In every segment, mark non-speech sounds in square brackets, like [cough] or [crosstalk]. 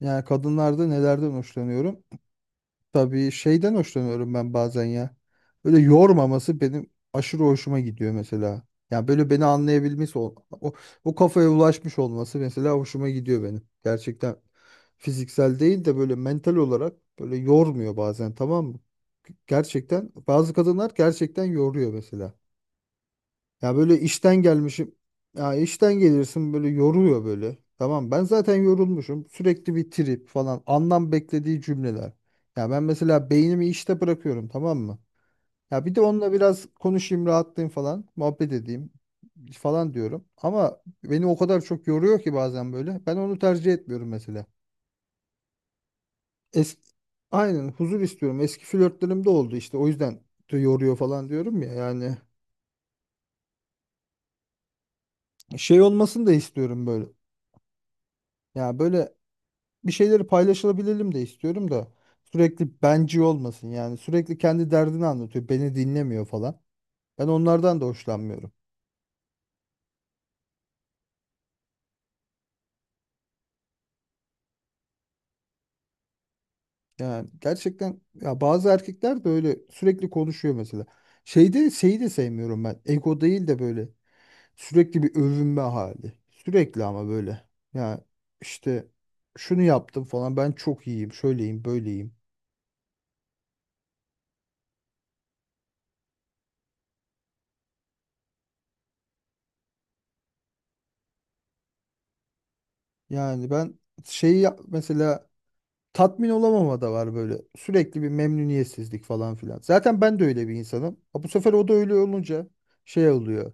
Yani kadınlarda nelerden hoşlanıyorum? Tabii şeyden hoşlanıyorum ben bazen ya. Böyle yormaması benim aşırı hoşuma gidiyor mesela. Yani böyle beni anlayabilmesi, o kafaya ulaşmış olması mesela hoşuma gidiyor benim. Gerçekten fiziksel değil de böyle mental olarak böyle yormuyor bazen, tamam mı? Gerçekten bazı kadınlar gerçekten yoruyor mesela. Ya böyle işten gelmişim. Ya işten gelirsin böyle yoruyor böyle. Tamam, ben zaten yorulmuşum. Sürekli bir trip falan. Anlam beklediği cümleler. Ya ben mesela beynimi işte bırakıyorum, tamam mı? Ya bir de onunla biraz konuşayım, rahatlayayım falan. Muhabbet edeyim falan diyorum. Ama beni o kadar çok yoruyor ki bazen böyle. Ben onu tercih etmiyorum mesela. Es Aynen huzur istiyorum. Eski flörtlerim de oldu işte. O yüzden de yoruyor falan diyorum ya. Yani şey olmasını da istiyorum böyle. Ya böyle bir şeyleri paylaşılabilelim de istiyorum da sürekli benci olmasın yani, sürekli kendi derdini anlatıyor, beni dinlemiyor falan. Ben onlardan da hoşlanmıyorum. Yani gerçekten ya bazı erkekler de öyle sürekli konuşuyor mesela. Şeyde şeyi de sevmiyorum ben. Ego değil de böyle sürekli bir övünme hali. Sürekli ama böyle. Yani işte şunu yaptım falan, ben çok iyiyim, şöyleyim, böyleyim. Yani ben şeyi yap- mesela tatmin olamama da var böyle. Sürekli bir memnuniyetsizlik falan filan. Zaten ben de öyle bir insanım. Ha, bu sefer o da öyle olunca şey oluyor.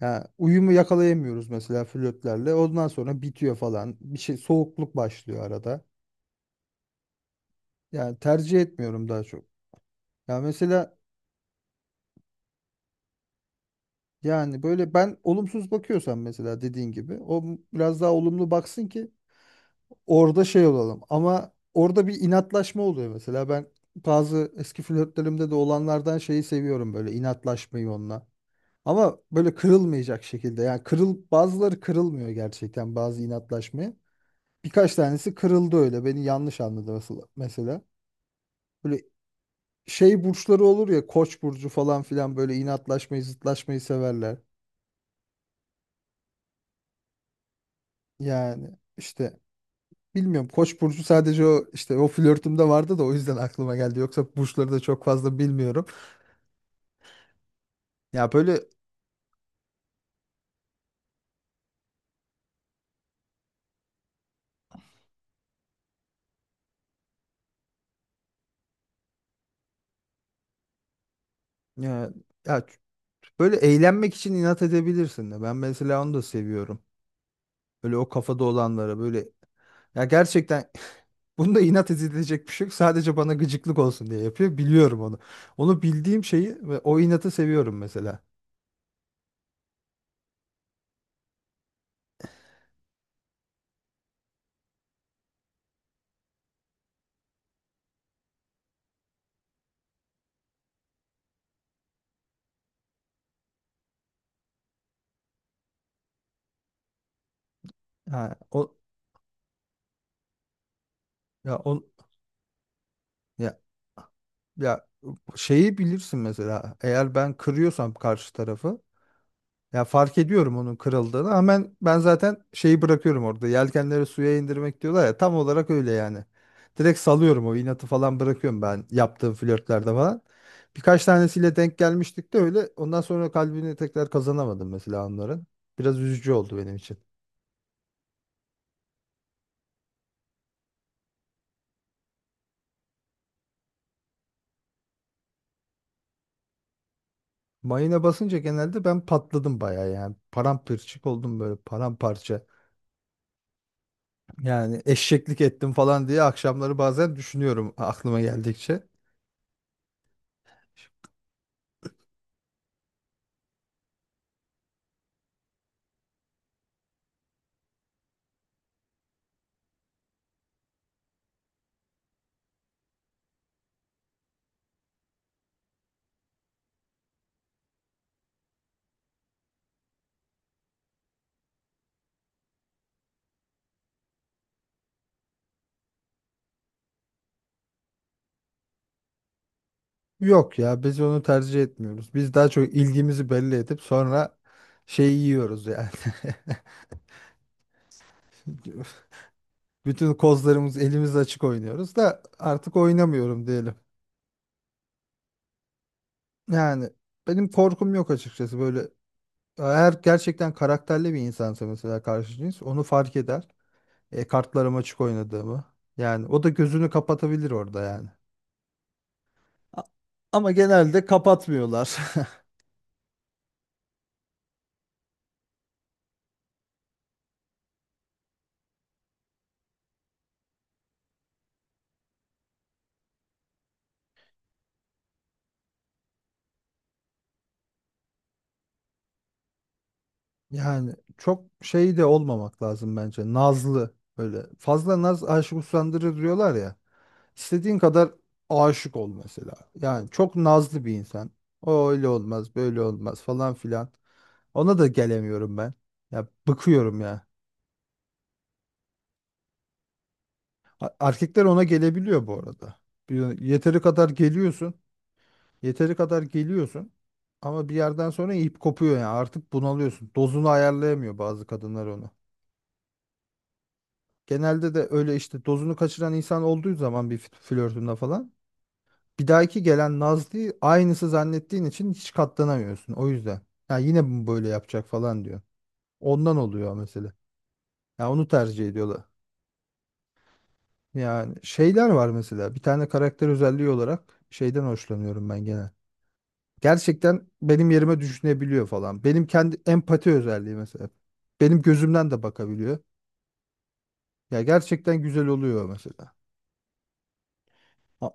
Ya uyumu yakalayamıyoruz mesela flörtlerle. Ondan sonra bitiyor falan. Bir şey soğukluk başlıyor arada. Yani tercih etmiyorum daha çok. Ya mesela yani böyle ben olumsuz bakıyorsam mesela dediğin gibi o biraz daha olumlu baksın ki orada şey olalım. Ama orada bir inatlaşma oluyor mesela. Ben bazı eski flörtlerimde de olanlardan şeyi seviyorum, böyle inatlaşmayı onunla. Ama böyle kırılmayacak şekilde. Yani kırıl bazıları kırılmıyor gerçekten bazı inatlaşmaya. Birkaç tanesi kırıldı öyle. Beni yanlış anladı mesela. Böyle şey burçları olur ya, Koç burcu falan filan, böyle inatlaşmayı, zıtlaşmayı severler. Yani işte bilmiyorum. Koç burcu sadece o işte o flörtümde vardı da o yüzden aklıma geldi. Yoksa burçları da çok fazla bilmiyorum. Ya böyle ya, ya, böyle eğlenmek için inat edebilirsin de. Ben mesela onu da seviyorum. Böyle o kafada olanlara böyle ya gerçekten [laughs] bunda inat edilecek bir şey yok. Sadece bana gıcıklık olsun diye yapıyor. Biliyorum onu. Onu bildiğim şeyi ve o inatı seviyorum mesela. Ha, o ya on ya ya şeyi bilirsin mesela. Eğer ben kırıyorsam karşı tarafı, ya fark ediyorum onun kırıldığını. Hemen ben zaten şeyi bırakıyorum orada. Yelkenleri suya indirmek diyorlar ya, tam olarak öyle yani. Direkt salıyorum, o inatı falan bırakıyorum ben yaptığım flörtlerde falan. Birkaç tanesiyle denk gelmiştik de öyle. Ondan sonra kalbini tekrar kazanamadım mesela onların. Biraz üzücü oldu benim için. Mayına basınca genelde ben patladım bayağı yani. Paramparçık oldum böyle, paramparça. Yani eşeklik ettim falan diye akşamları bazen düşünüyorum aklıma geldikçe. Yok ya, biz onu tercih etmiyoruz. Biz daha çok ilgimizi belli edip sonra şeyi yiyoruz yani. [laughs] Bütün kozlarımız elimiz açık oynuyoruz da artık oynamıyorum diyelim. Yani benim korkum yok açıkçası böyle. Eğer gerçekten karakterli bir insansa mesela karşı cins onu fark eder. Kartlarım açık oynadığımı. Yani o da gözünü kapatabilir orada yani. A- Ama genelde kapatmıyorlar. [laughs] Yani çok şey de olmamak lazım bence. Nazlı böyle. Fazla naz aşık usandırır diyorlar ya. İstediğin kadar aşık ol mesela. Yani çok nazlı bir insan. O öyle olmaz, böyle olmaz falan filan. Ona da gelemiyorum ben. Ya bıkıyorum ya. Erkekler ona gelebiliyor bu arada. Yeteri kadar geliyorsun. Yeteri kadar geliyorsun. Ama bir yerden sonra ip kopuyor yani. Artık bunalıyorsun. Dozunu ayarlayamıyor bazı kadınlar onu. Genelde de öyle işte, dozunu kaçıran insan olduğu zaman bir flörtünde falan, bir dahaki gelen Nazlı'yı aynısı zannettiğin için hiç katlanamıyorsun. O yüzden. Ya yine mi böyle yapacak falan diyor. Ondan oluyor mesela. Ya onu tercih ediyorlar. Yani şeyler var mesela. Bir tane karakter özelliği olarak şeyden hoşlanıyorum ben genel. Gerçekten benim yerime düşünebiliyor falan. Benim kendi empati özelliği mesela. Benim gözümden de bakabiliyor. Ya gerçekten güzel oluyor mesela. Ha,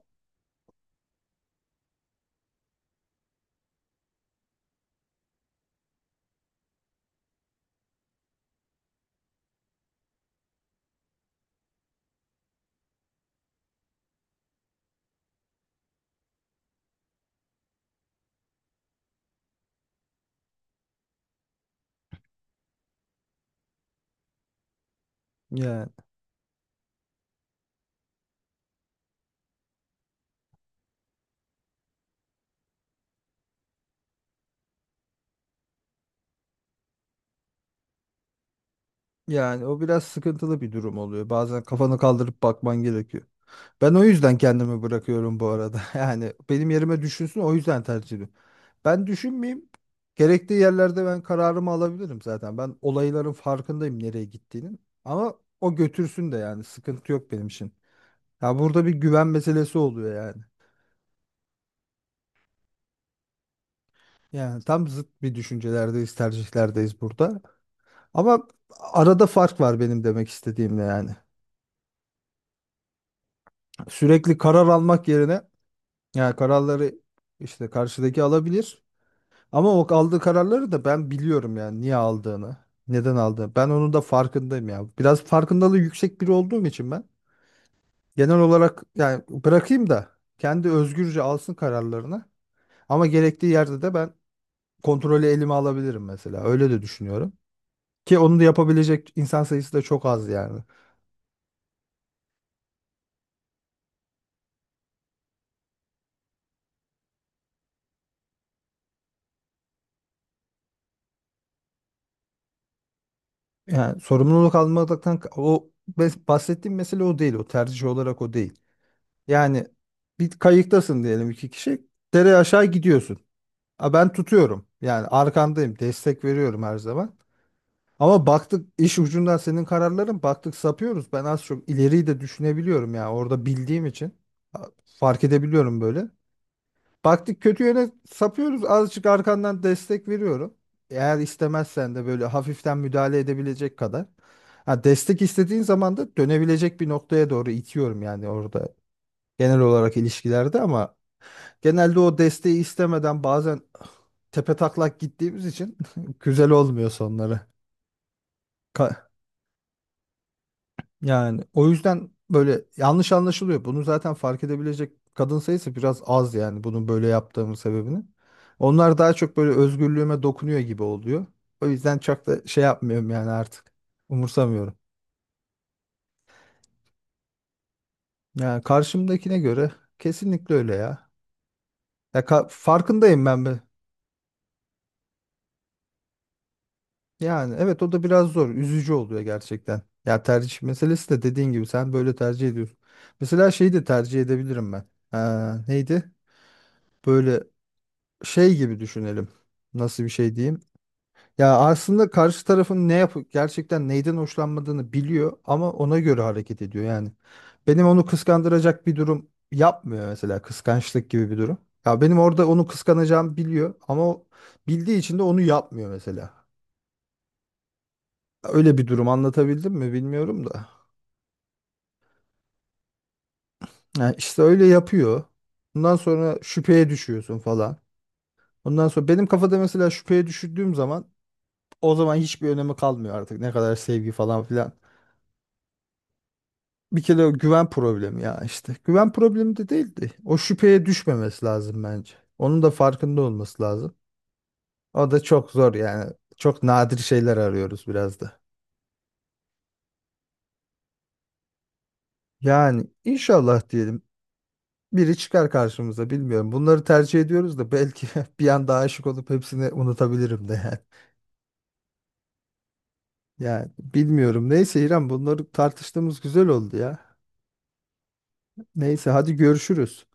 Ya Yani o biraz sıkıntılı bir durum oluyor. Bazen kafanı kaldırıp bakman gerekiyor. Ben o yüzden kendimi bırakıyorum bu arada. [laughs] Yani benim yerime düşünsün, o yüzden tercih ediyorum. Ben düşünmeyeyim. Gerektiği yerlerde ben kararımı alabilirim zaten. Ben olayların farkındayım, nereye gittiğinin. Ama o götürsün de yani sıkıntı yok benim için. Ya burada bir güven meselesi oluyor yani. Yani tam zıt bir düşüncelerdeyiz, tercihlerdeyiz burada. Ama arada fark var benim demek istediğimle yani. Sürekli karar almak yerine yani kararları işte karşıdaki alabilir. Ama o aldığı kararları da ben biliyorum, yani niye aldığını, neden aldığını. Ben onun da farkındayım ya. Biraz farkındalığı yüksek biri olduğum için ben genel olarak yani bırakayım da kendi özgürce alsın kararlarını. Ama gerektiği yerde de ben kontrolü elime alabilirim mesela. Öyle de düşünüyorum. Ki onu da yapabilecek insan sayısı da çok az yani. Yani sorumluluk almaktan o bahsettiğim mesele o değil. O tercih olarak o değil. Yani bir kayıktasın diyelim, iki kişi. Dere aşağı gidiyorsun. Ha, ben tutuyorum. Yani arkandayım. Destek veriyorum her zaman. Ama baktık iş ucundan senin kararların baktık sapıyoruz. Ben az çok ileriyi de düşünebiliyorum ya. Orada bildiğim için ha, fark edebiliyorum böyle. Baktık kötü yöne sapıyoruz. Azıcık arkandan destek veriyorum. Eğer istemezsen de böyle hafiften müdahale edebilecek kadar. Ha, destek istediğin zaman da dönebilecek bir noktaya doğru itiyorum yani orada genel olarak ilişkilerde ama genelde o desteği istemeden bazen tepetaklak gittiğimiz için [laughs] güzel olmuyor sonları. Ka- Yani o yüzden böyle yanlış anlaşılıyor. Bunu zaten fark edebilecek kadın sayısı biraz az yani, bunun böyle yaptığımın sebebini. Onlar daha çok böyle özgürlüğüme dokunuyor gibi oluyor. O yüzden çok da şey yapmıyorum yani artık. Umursamıyorum. Yani karşımdakine göre kesinlikle öyle ya. Ya farkındayım ben be. Yani evet, o da biraz zor. Üzücü oluyor gerçekten. Ya tercih meselesi de dediğin gibi sen böyle tercih ediyorsun. Mesela şeyi de tercih edebilirim ben. Neydi? Böyle şey gibi düşünelim. Nasıl bir şey diyeyim? Ya aslında karşı tarafın ne yapıp gerçekten neyden hoşlanmadığını biliyor ama ona göre hareket ediyor yani. Benim onu kıskandıracak bir durum yapmıyor mesela, kıskançlık gibi bir durum. Ya benim orada onu kıskanacağımı biliyor ama o bildiği için de onu yapmıyor mesela. Öyle bir durum, anlatabildim mi bilmiyorum da. Yani işte öyle yapıyor. Ondan sonra şüpheye düşüyorsun falan. Ondan sonra benim kafada mesela şüpheye düşürdüğüm zaman o zaman hiçbir önemi kalmıyor artık. Ne kadar sevgi falan filan. Bir kere o güven problemi ya işte. Güven problemi de değildi. O şüpheye düşmemesi lazım bence. Onun da farkında olması lazım. O da çok zor yani. Çok nadir şeyler arıyoruz biraz da. Yani inşallah diyelim. Biri çıkar karşımıza bilmiyorum. Bunları tercih ediyoruz da belki [laughs] bir anda aşık olup hepsini unutabilirim de yani. Yani bilmiyorum. Neyse İrem, bunları tartıştığımız güzel oldu ya. Neyse hadi görüşürüz.